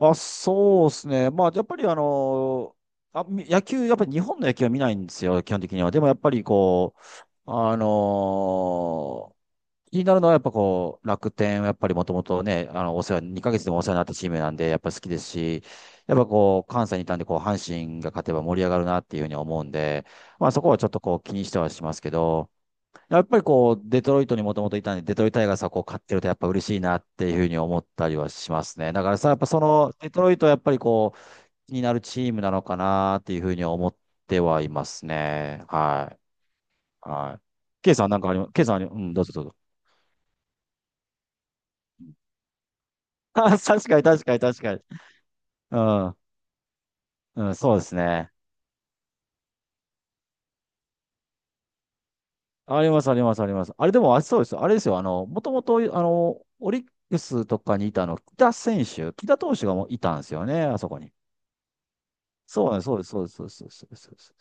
あ、そうですね。まあ、やっぱり野球、やっぱり日本の野球は見ないんですよ、基本的には。でもやっぱりこう、あのー気になるのはやっぱこう、楽天、やっぱりもともとね、あの、お世話、2ヶ月でもお世話になったチームなんで、やっぱ好きですし、やっぱこう、関西にいたんで、こう、阪神が勝てば盛り上がるなっていうふうに思うんで、まあそこはちょっとこう、気にしてはしますけど、やっぱりこう、デトロイトにもともといたんで、デトロイトタイガースはこう、勝ってるとやっぱ嬉しいなっていうふうに思ったりはしますね。だからさ、やっぱその、デトロイトはやっぱりこう、気になるチームなのかなっていうふうには思ってはいますね。はい。はい。ケイさんなんかあります？ケイさんあり、うん、どうぞどうぞ。あ、確かに確かに確かに。うん。うん、そうですね。ありますありますあります。あれでも、あ、そうです。あれですよ。もともと、オリックスとかにいた木田投手がもういたんですよね、あそこに。そうなんです、そうです、そうです、そうです、そうです、そうです。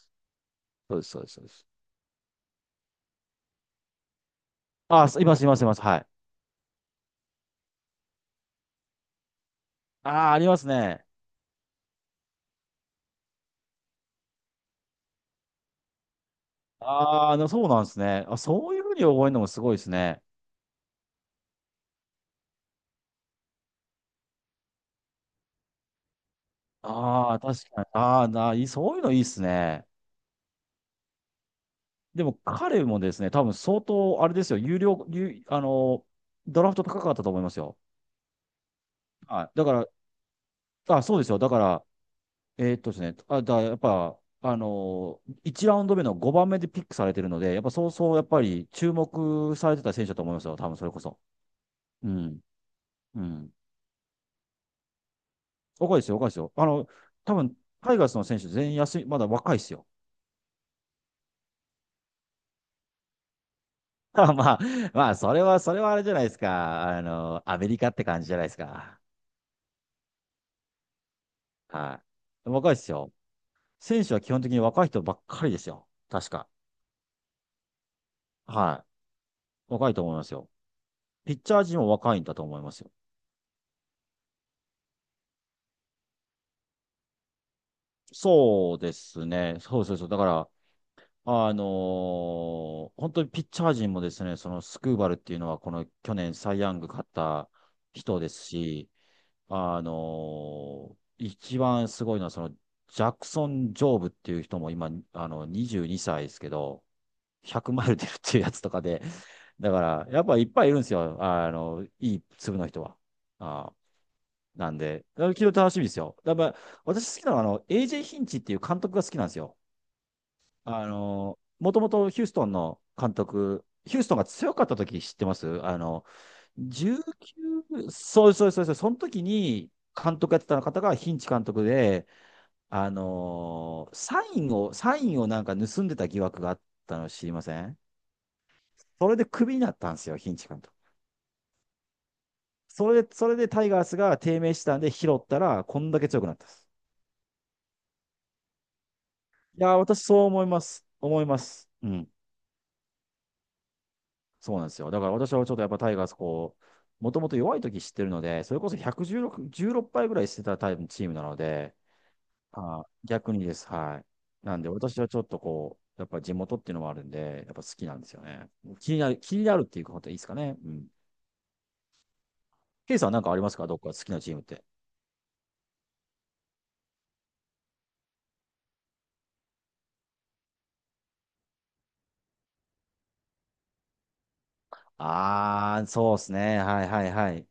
そうです、そうです、そうです。あ、すいます、います、います。はい。ああ、ありますね。ああ、でもそうなんですね。あ、そういうふうに覚えるのもすごいですね。ああ、確かに。ああ、な、いい、そういうのいいですね。でも彼もですね、多分相当、あれですよ、有料、有、あの、ドラフト高かったと思いますよ。はい。だから、あ、そうですよ。だから、ですね、あ、だ、やっぱ、あの1ラウンド目の5番目でピックされてるので、やっぱそうそう、やっぱり注目されてた選手だと思いますよ。多分それこそ。うん。うん。若いですよ、若いですよ。多分、タイガースの選手全員休み、まだ若いですよ。まあ、まあ、まあ、それはあれじゃないですか。あの、アメリカって感じじゃないですか。はい。若いですよ。選手は基本的に若い人ばっかりですよ。確か。はい。若いと思いますよ。ピッチャー陣も若いんだと思いますよ。そうですね。そうそうそう。だから、あの本当にピッチャー陣もですね、そのスクーバルっていうのは、この去年サイ・ヤング勝った人ですし、一番すごいのは、その、ジャクソン・ジョーブっていう人も今、あの、22歳ですけど、100マイル出るっていうやつとかで、だから、やっぱいっぱいいるんですよ。あの、いい粒の人は。あなんで、だから昨日楽しみですよ。だから、私好きなのは、あの、AJ ヒンチっていう監督が好きなんですよ。あの、もともとヒューストンが強かった時知ってます？19、そうそうそうそう、その時に監督やってた方がヒンチ監督で、サインをなんか盗んでた疑惑があったの知りません？それでクビになったんですよ、ヒンチ監督。それでタイガースが低迷したんで拾ったら、こんだけ強くなったんです。いやー、私そう思います。思います。うん。そうなんですよ。だから私はちょっとやっぱタイガースこう、もともと弱い時知ってるので、それこそ116、16敗ぐらいしてたタイプチームなので、あ、逆にです。はい。なんで私はちょっとこう、やっぱ地元っていうのもあるんで、やっぱ好きなんですよね。気になる、気になるっていうことでいいですかね。うん。ケイさんなんかありますか、どっか好きなチームって？あー、そうですね。はいはいはい。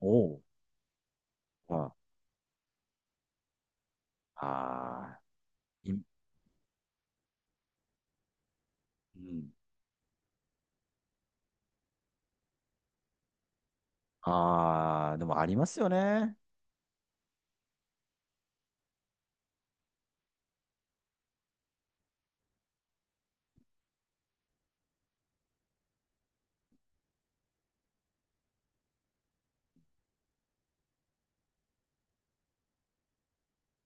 おお。ああー、い、うん。あー、でもありますよね。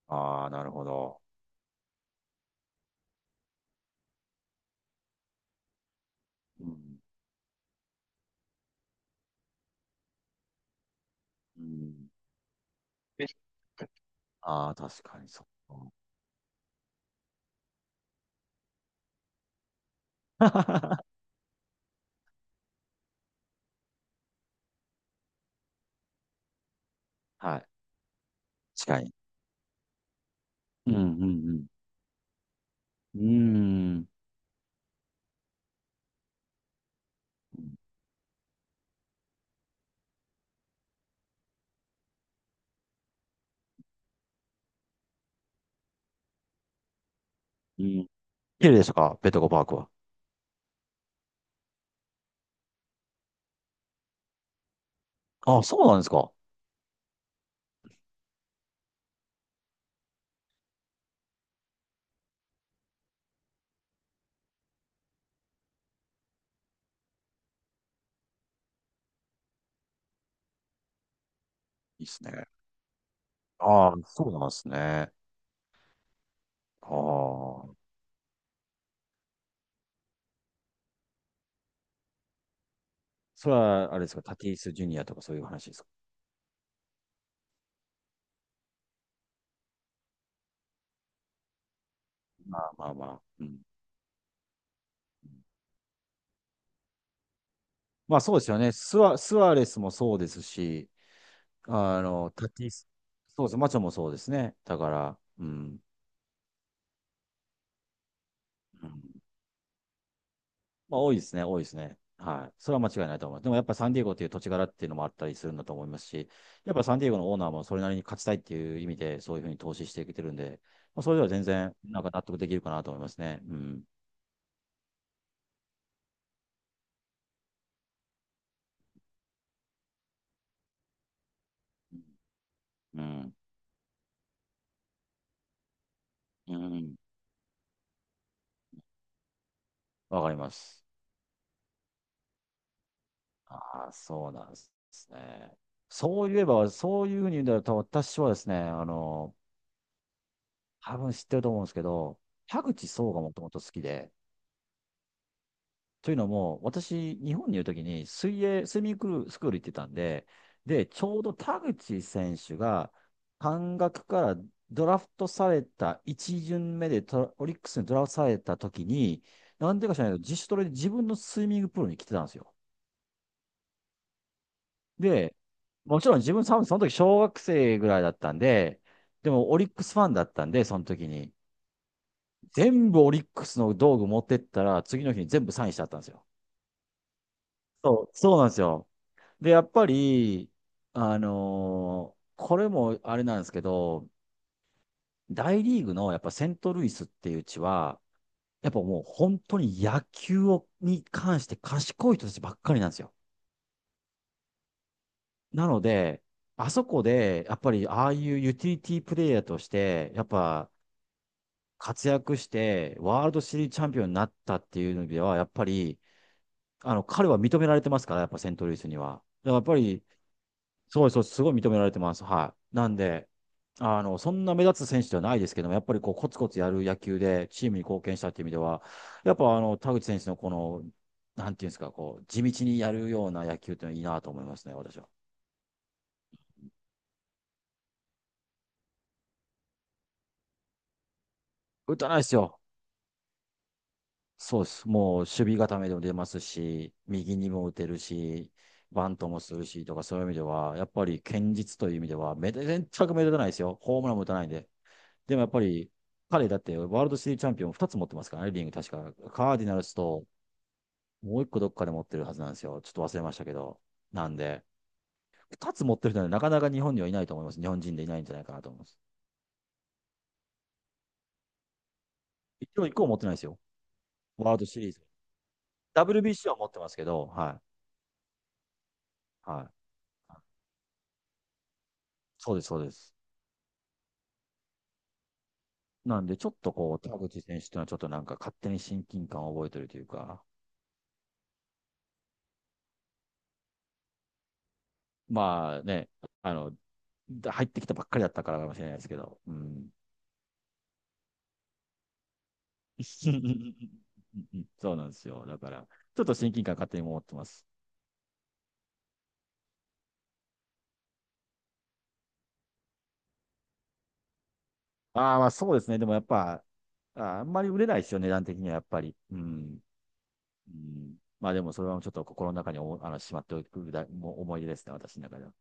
あー、なるほど。うん。うん。ああ、確かにそう。はい。近い。うん、うん、うん。うーん。うん。綺麗でしたか、ベトコパークは？ああ、そうなんですか。いいっすね。ああ、そうなんですね。ああ。それは、あれですか、タティス・ジュニアとかそういう話ですか？まあまあまあ。うん。まあそうですよね。スワスアレスもそうですし、あの、タティス、そうです。マチョもそうですね。だから、うん。うん。まあ、多いですね、多いですね。はい。それは間違いないと思います。でもやっぱサンディエゴっていう土地柄っていうのもあったりするんだと思いますし、やっぱサンディエゴのオーナーもそれなりに勝ちたいっていう意味で、そういうふうに投資していけてるんで、まあ、それでは全然、なんか納得できるかなと思いますね。うん。うん。うん。わかります。ああ、そうなんですね。そういえば、そういうふうに言うんだと、私はですね、あの、多分知ってると思うんですけど、田口壮がもともと好きで、というのも、私、日本にいるときに水泳、スイミングスクール行ってたんで、で、ちょうど田口選手が、関学からドラフトされた、1巡目でトラオリックスにドラフトされたときに、なんでか知らないけど、自主トレで自分のスイミングプールに来てたんですよ。で、もちろん自分、その時小学生ぐらいだったんで、でもオリックスファンだったんで、その時に。全部オリックスの道具持ってったら、次の日に全部サインしちゃったんですよ。そう、そうなんですよ。で、やっぱり、これもあれなんですけど、大リーグのやっぱセントルイスっていう地は、やっぱもう本当に野球をに関して賢い人たちばっかりなんですよ。なので、あそこで、やっぱりああいうユーティリティプレイヤーとして、やっぱ活躍して、ワールドシリーズチャンピオンになったっていうのでは、やっぱり、あの、彼は認められてますから、やっぱセントルイスには。だからやっぱり、そうです、そうです、すごい認められてます。はい。なんで、あの、そんな目立つ選手ではないですけども、やっぱりこう、コツコツやる野球でチームに貢献したっていう意味では、やっぱあの、田口選手のこの、なんていうんですか、こう、地道にやるような野球っていうのはいいなと思いますね、私は。打たないですよ。そうです。もう、守備固めでも出ますし、右にも打てるし、バントもするしとか、そういう意味では、やっぱり堅実という意味では、全く目立たないですよ。ホームランも打たないんで。でもやっぱり、彼だってワールドシリーズチャンピオン2つ持ってますからね、リング確か。カーディナルスと、もう1個どっかで持ってるはずなんですよ。ちょっと忘れましたけど。なんで、2つ持ってる人はね、なかなか日本にはいないと思います。日本人でいないんじゃないかなと思います。一応1個も持ってないですよ。ワールドシリーズ。WBC は持ってますけど、はい。はい。そうです、そうです。なんで、ちょっとこう、田口選手っていうのはちょっとなんか勝手に親近感を覚えてるというか、まあね、あの、入ってきたばっかりだったからかもしれないですけど、うん。うん、うん、うん、うん、うん、うん。そうなんですよ。だから、ちょっと親近感勝手に持ってます。ああ、まあそうですね。でもやっぱ、ああんまり売れないですよ、値段的にはやっぱり。うん。うん、まあでもそれはちょっと心の中におあのしまっておくだもう思い出ですね、私の中では。